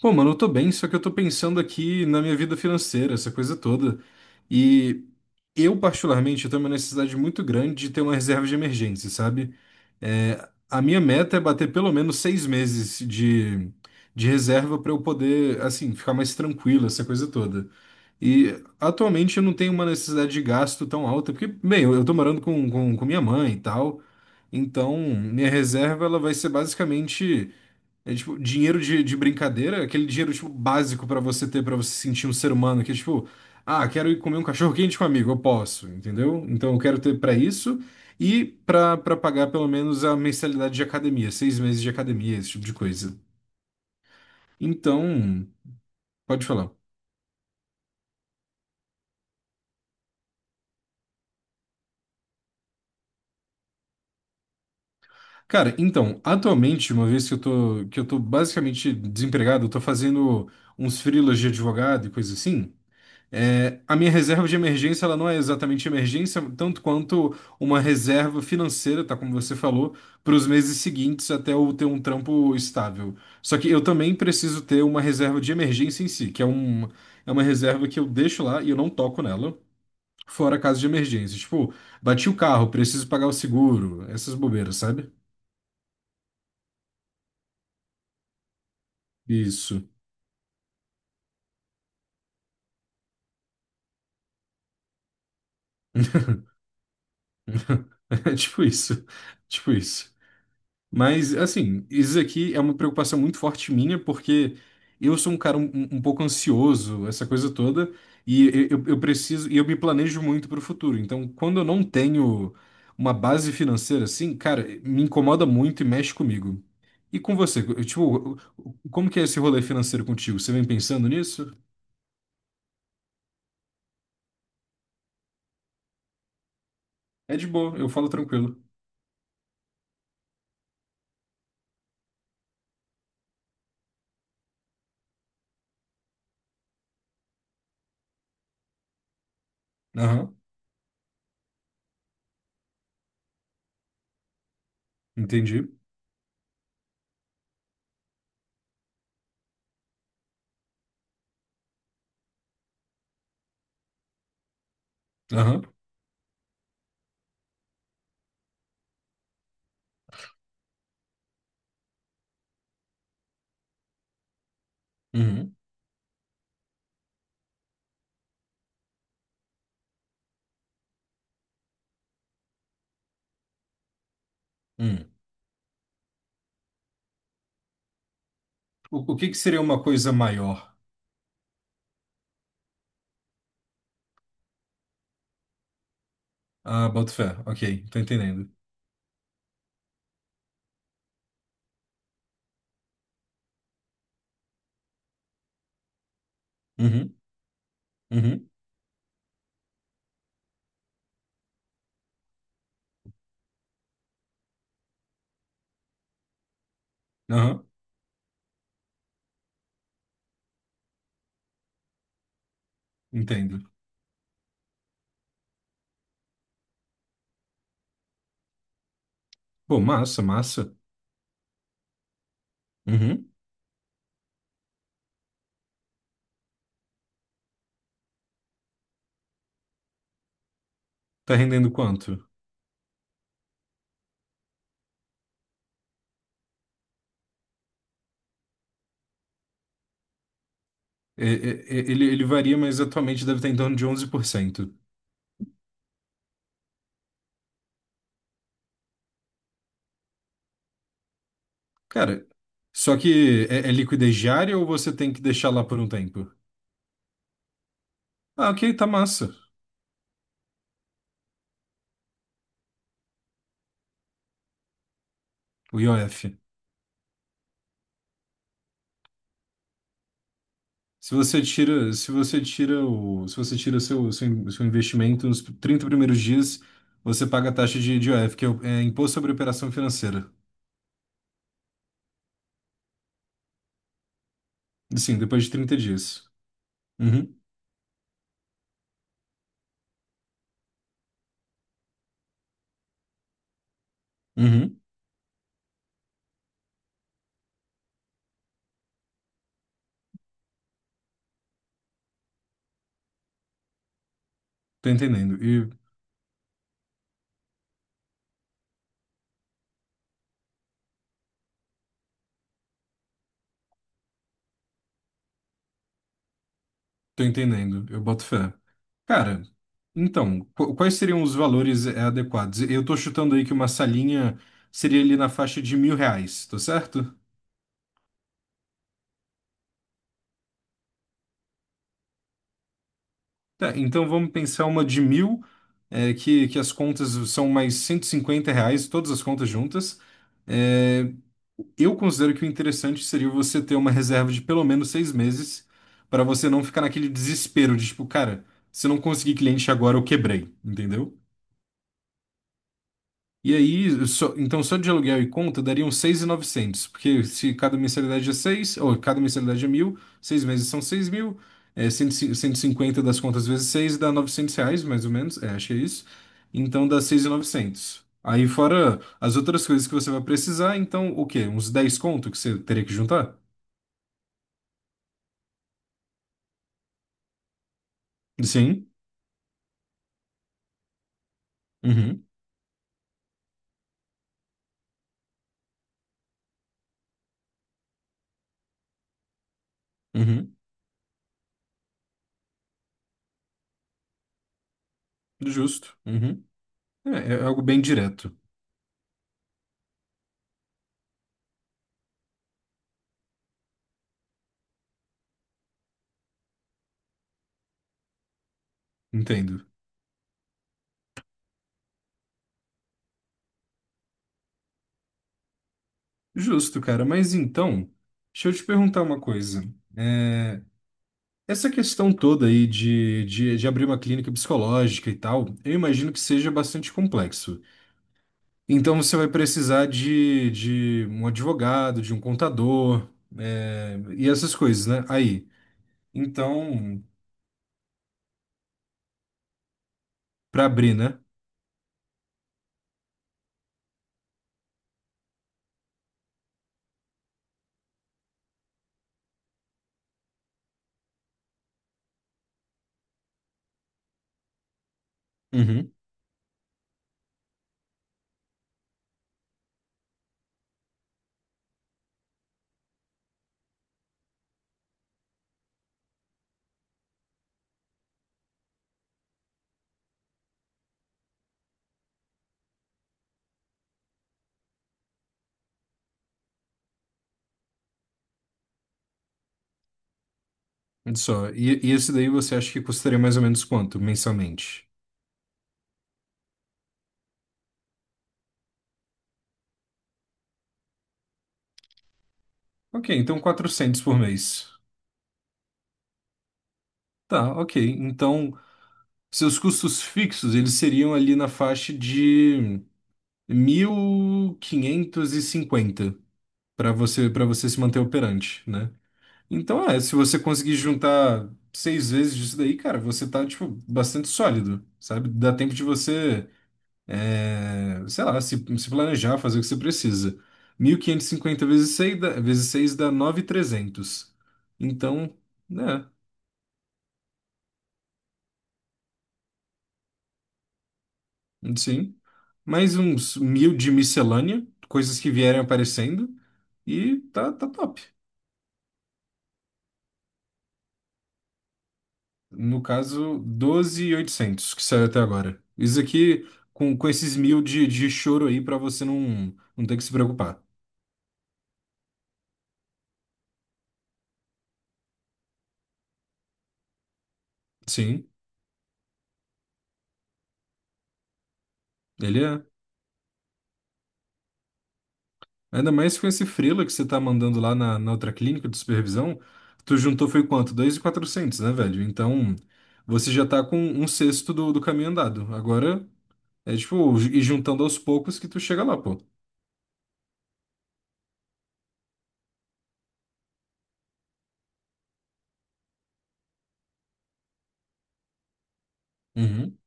Pô, mano, eu tô bem, só que eu tô pensando aqui na minha vida financeira, essa coisa toda. E eu, particularmente, eu tenho uma necessidade muito grande de ter uma reserva de emergência, sabe? É, a minha meta é bater pelo menos seis meses de reserva pra eu poder, assim, ficar mais tranquilo, essa coisa toda. E atualmente eu não tenho uma necessidade de gasto tão alta, porque, bem, eu tô morando com minha mãe e tal. Então, minha reserva ela vai ser basicamente. É tipo, dinheiro de brincadeira, aquele dinheiro tipo básico pra você ter pra você se sentir um ser humano, que é tipo, ah, quero ir comer um cachorro quente com um amigo, eu posso, entendeu? Então eu quero ter pra isso e pra para pagar pelo menos a mensalidade de academia, seis meses de academia, esse tipo de coisa. Então, pode falar. Cara, então, atualmente, uma vez que eu tô basicamente desempregado, eu tô fazendo uns freelas de advogado e coisa assim. É, a minha reserva de emergência, ela não é exatamente emergência, tanto quanto uma reserva financeira, tá? Como você falou, para os meses seguintes até eu ter um trampo estável. Só que eu também preciso ter uma reserva de emergência em si, que é uma reserva que eu deixo lá e eu não toco nela, fora caso de emergência. Tipo, bati o carro, preciso pagar o seguro, essas bobeiras, sabe? Isso. É tipo isso. Tipo isso. Mas, assim, isso aqui é uma preocupação muito forte minha, porque eu sou um cara um pouco ansioso, essa coisa toda, e eu preciso, e eu me planejo muito para o futuro. Então, quando eu não tenho uma base financeira assim, cara, me incomoda muito e mexe comigo. E com você? Eu, tipo, como que é esse rolê financeiro contigo? Você vem pensando nisso? É de boa, eu falo tranquilo. Aham, entendi. Aham, uhum, uhum. O que que seria uma coisa maior? Ah, boto fé. Ok, tô entendendo. Uhum. Uhum. Aham. Entendo. Pô, massa, massa. Uhum. Tá rendendo quanto? Ele varia, mas atualmente deve estar em torno de 11%. Cara, só que é liquidez diária ou você tem que deixar lá por um tempo? Ah, ok, tá massa. O IOF. Se você tira seu investimento nos 30 primeiros dias, você paga a taxa de IOF, que é Imposto sobre Operação Financeira. Sim, depois de 30 dias. Uhum. Uhum. Tô entendendo. Tô entendendo, eu boto fé. Cara, então, quais seriam os valores adequados? Eu tô chutando aí que uma salinha seria ali na faixa de 1.000 reais, tá certo? Tá, então vamos pensar uma de mil, que as contas são mais 150 reais, todas as contas juntas. É, eu considero que o interessante seria você ter uma reserva de pelo menos seis meses, para você não ficar naquele desespero de tipo, cara, se eu não conseguir cliente agora, eu quebrei, entendeu? E aí, então só de aluguel e conta dariam 6.900, porque se cada mensalidade é 6 ou cada mensalidade é mil, seis meses são 6 mil, é 150 das contas vezes 6 dá 900 reais, mais ou menos, é, acho que é isso. Então dá 6.900. Aí fora as outras coisas que você vai precisar, então o quê? Uns 10 conto que você teria que juntar? Sim. Uhum, uhum, justo. Uhum. É algo bem direto, entendo. Justo, cara, mas então, deixa eu te perguntar uma coisa. é, Essa questão toda aí de abrir uma clínica psicológica e tal, eu imagino que seja bastante complexo. Então você vai precisar de um advogado, de um contador, e essas coisas, né? Aí. Então, para abrir, né? Uhum. Olha só. E esse daí você acha que custaria mais ou menos quanto mensalmente? Ok, então 400 por mês. Tá, ok. Então, seus custos fixos, eles seriam ali na faixa de 1.550 para você se manter operante, né? Então, se você conseguir juntar seis vezes disso daí, cara, você tá, tipo, bastante sólido, sabe? Dá tempo de você, sei lá, se planejar, fazer o que você precisa. 1.550 vezes 6 dá, vezes 6 dá 9.300. Então, né, sim. Mais uns mil de miscelânea, coisas que vierem aparecendo, e tá, top. No caso, 12.800 que saiu até agora. Isso aqui com esses mil de choro aí pra você não ter que se preocupar. Sim, ele é. Ainda mais com esse freela que você tá mandando lá na outra clínica de supervisão, tu juntou foi quanto? 2.400, né, velho? Então, você já tá com um sexto do caminho andado. Agora é tipo, e juntando aos poucos que tu chega lá, pô. Uhum,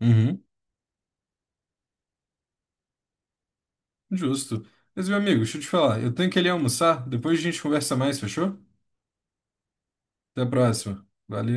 uhum, justo. Mas, meu amigo, deixa eu te falar, eu tenho que ali almoçar, depois a gente conversa mais, fechou? Até a próxima. Valeu.